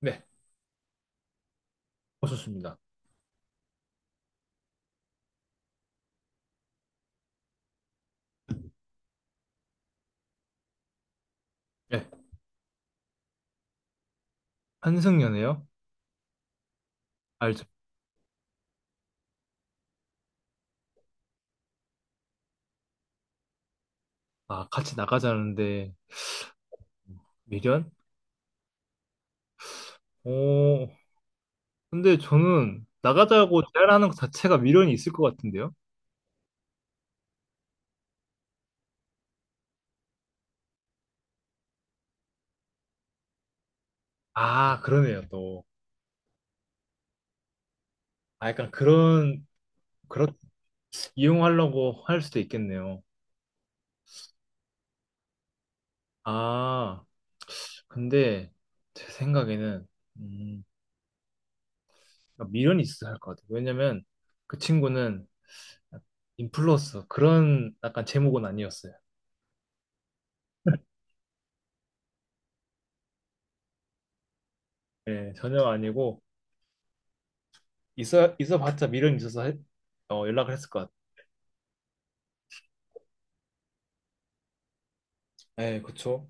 네, 오셨습니다. 네, 한승연애요? 알죠. 아, 같이 나가자는데 미련? 오, 근데 저는 나가자고 제안하는 것 자체가 미련이 있을 것 같은데요? 아, 그러네요, 또. 아, 약간 그런, 그런, 이용하려고 할 수도 있겠네요. 아, 근데 제 생각에는, 음, 그러니까 미련이 있어야 할 것 같아요. 왜냐면 그 친구는 인플루언서, 그런 약간 제목은 아니었어요. 네, 전혀 아니고, 있어봤자 미련이 있어서 연락을 했을 것 같아. 네, 그쵸.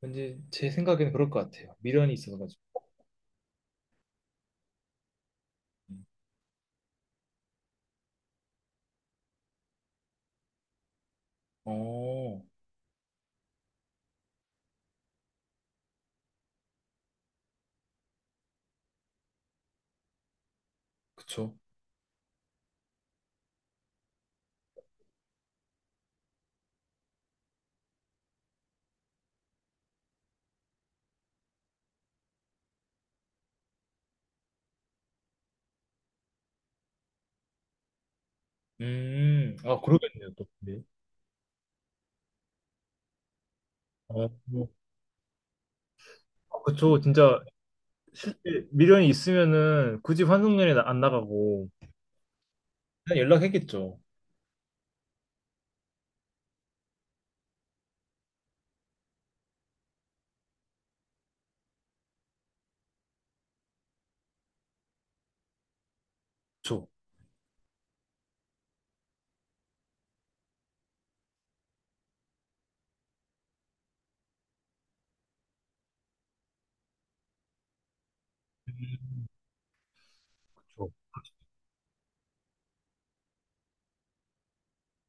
왠지 제 생각에는 그럴 것 같아요. 미련이 있어서 가지고. 어, 그쵸. 아 그러겠네요 또. 근데, 어, 어, 그쵸. 진짜 미련이 있으면은 굳이 환승연애 안 나가고 그냥 연락했겠죠. 그쵸. 음, 그쵸.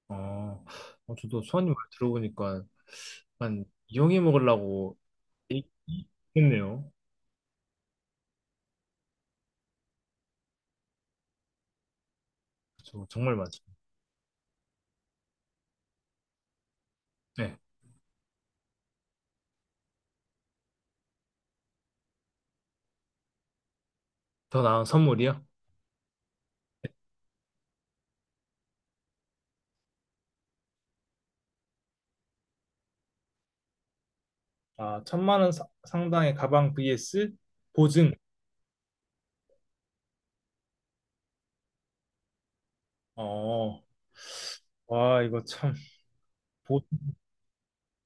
아, 어, 저도 수아님 말 들어보니까 약간 이용해 먹으려고 했네요. 그쵸. 정말 맞죠. 네. 더 나은 선물이요? 아, 1,000만 원 상당의 가방 vs 보증. 어, 와, 이거 참. 보,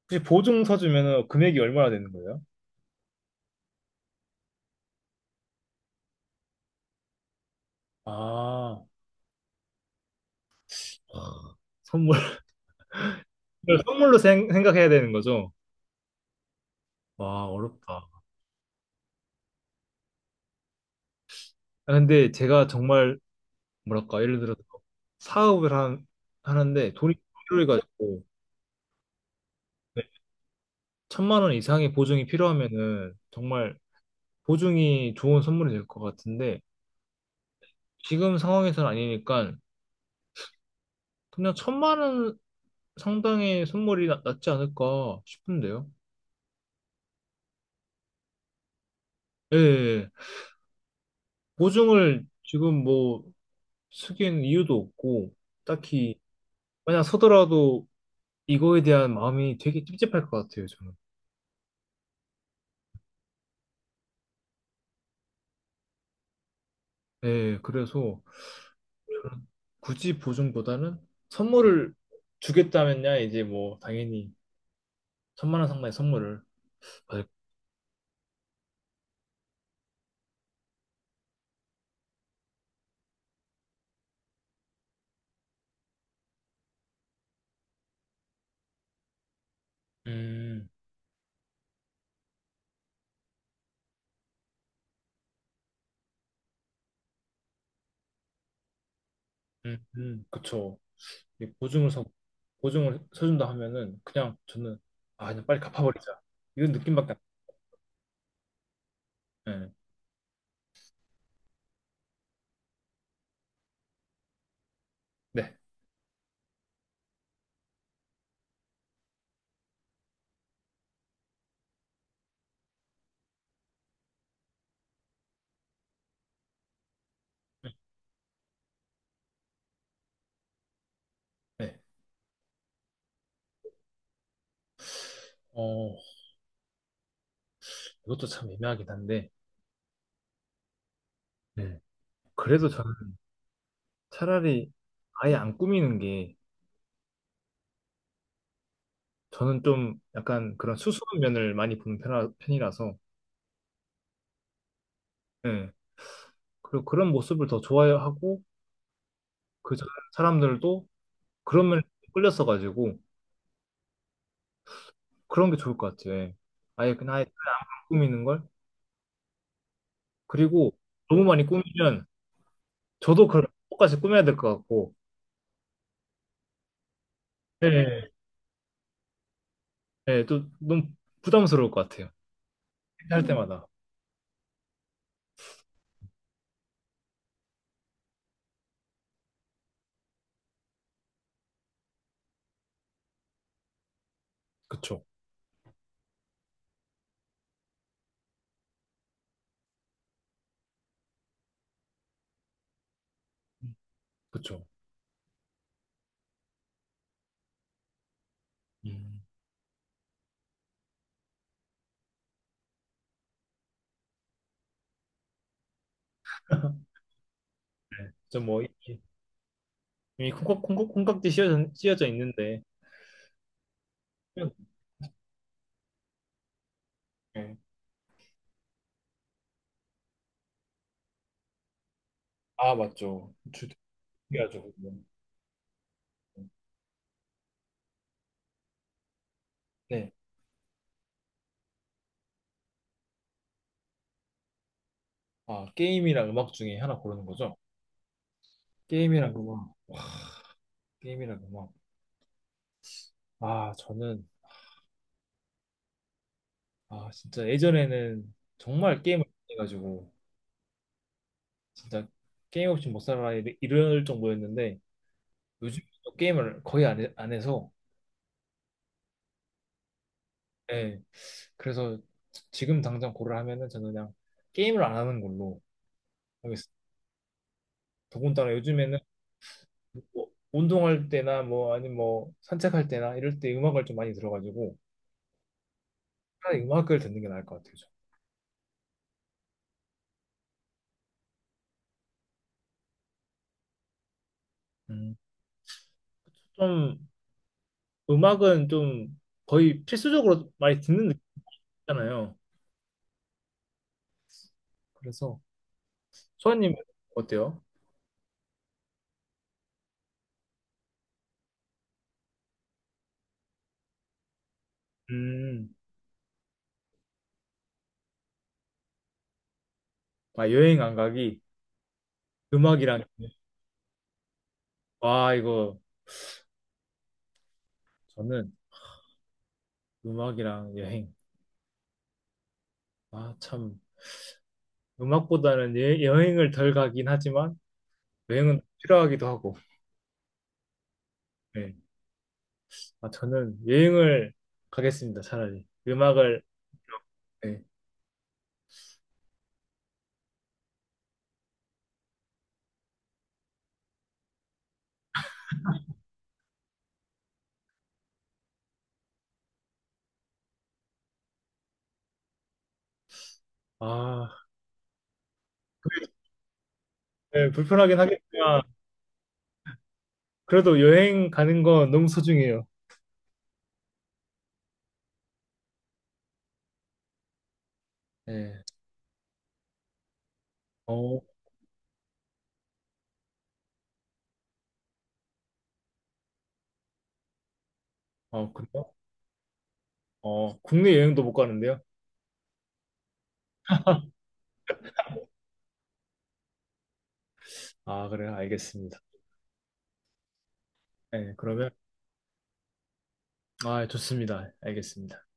혹시 보증서 주면은 금액이 얼마나 되는 거예요? 아, 선물. 이걸 선물로 생, 각해야 되는 거죠? 와, 어렵다. 아, 근데 제가 정말, 뭐랄까, 예를 들어서 사업을 하는데 돈이 필요해가지고, 네, 1,000만 원 이상의 보증이 필요하면은 정말 보증이 좋은 선물이 될 것 같은데, 지금 상황에서는 아니니까, 그냥 1,000만 원 상당히 선물이 낫지 않을까 싶은데요. 예, 예. 예. 보증을 지금 뭐 쓰기에는 이유도 없고, 딱히, 만약 서더라도 이거에 대한 마음이 되게 찝찝할 것 같아요, 저는. 예, 예. 그래서 굳이 보증보다는 선물을 주겠다면야 이제 뭐 당연히 1,000만 원 상당의 선물을 받을, 음, 그쵸. 이 보증을 서준다 하면은 그냥 저는, 아, 그냥 빨리 갚아버리자. 이런 느낌밖에 안, 예. 네. 네. 어, 이것도 참 애매하긴 한데, 네. 그래도 저는 차라리 아예 안 꾸미는 게, 저는 좀 약간 그런 수수한 면을 많이 보는 편이라서, 네, 그리고 그런 모습을 더 좋아하고, 그 사- 사람들도 그런 면에 끌렸어가지고, 그런 게 좋을 것 같아요. 예. 아예 그냥 아예 안 꾸미는 걸. 그리고 너무 많이 꾸미면, 저도 그걸 똑같이 꾸며야 될 것 같고, 네, 네, 또 너무 부담스러울 것 같아요. 할 때마다. 그쵸. 그쵸. 음. 그뭐 이미 콩깍지 씌워져 있는데. 네. 아 맞죠, 주특기하죠. 네. 아 게임이랑 음악 중에 하나 고르는 거죠? 게임이랑 음악, 게임이랑 음악. 아 저는, 아 진짜 예전에는 정말 게임을 많이 해가지고 진짜 게임 없이 못 살아 이럴 정도였는데 요즘 또 게임을 거의 안 해서. 네, 그래서 지금 당장 고를 하면은 저는 그냥 게임을 안 하는 걸로 하겠습니다. 더군다나 요즘에는 뭐 운동할 때나 뭐 아니면 뭐 산책할 때나 이럴 때 음악을 좀 많이 들어가지고 차라리 음악을 듣는 게 나을 것 같아요. 저. 음, 좀 음악은 좀 거의 필수적으로 많이 듣는 느낌이잖아요. 그래서 소아님 어때요? 음, 아 여행 안 가기. 음악이랑. 와 이거. 저는 음악이랑 여행. 아 참, 음악보다는 여행을 덜 가긴 하지만 여행은 필요하기도 하고. 네. 아 저는 여행을 가겠습니다. 차라리 음악을. 네. 아, 네, 불편하긴 하겠지만 그래도 여행 가는 건 너무 소중해요. 네. 어, 어, 그래요? 어, 국내 여행도 못 가는데요? 아, 그래요? 알겠습니다. 네, 그러면 아, 좋습니다. 알겠습니다.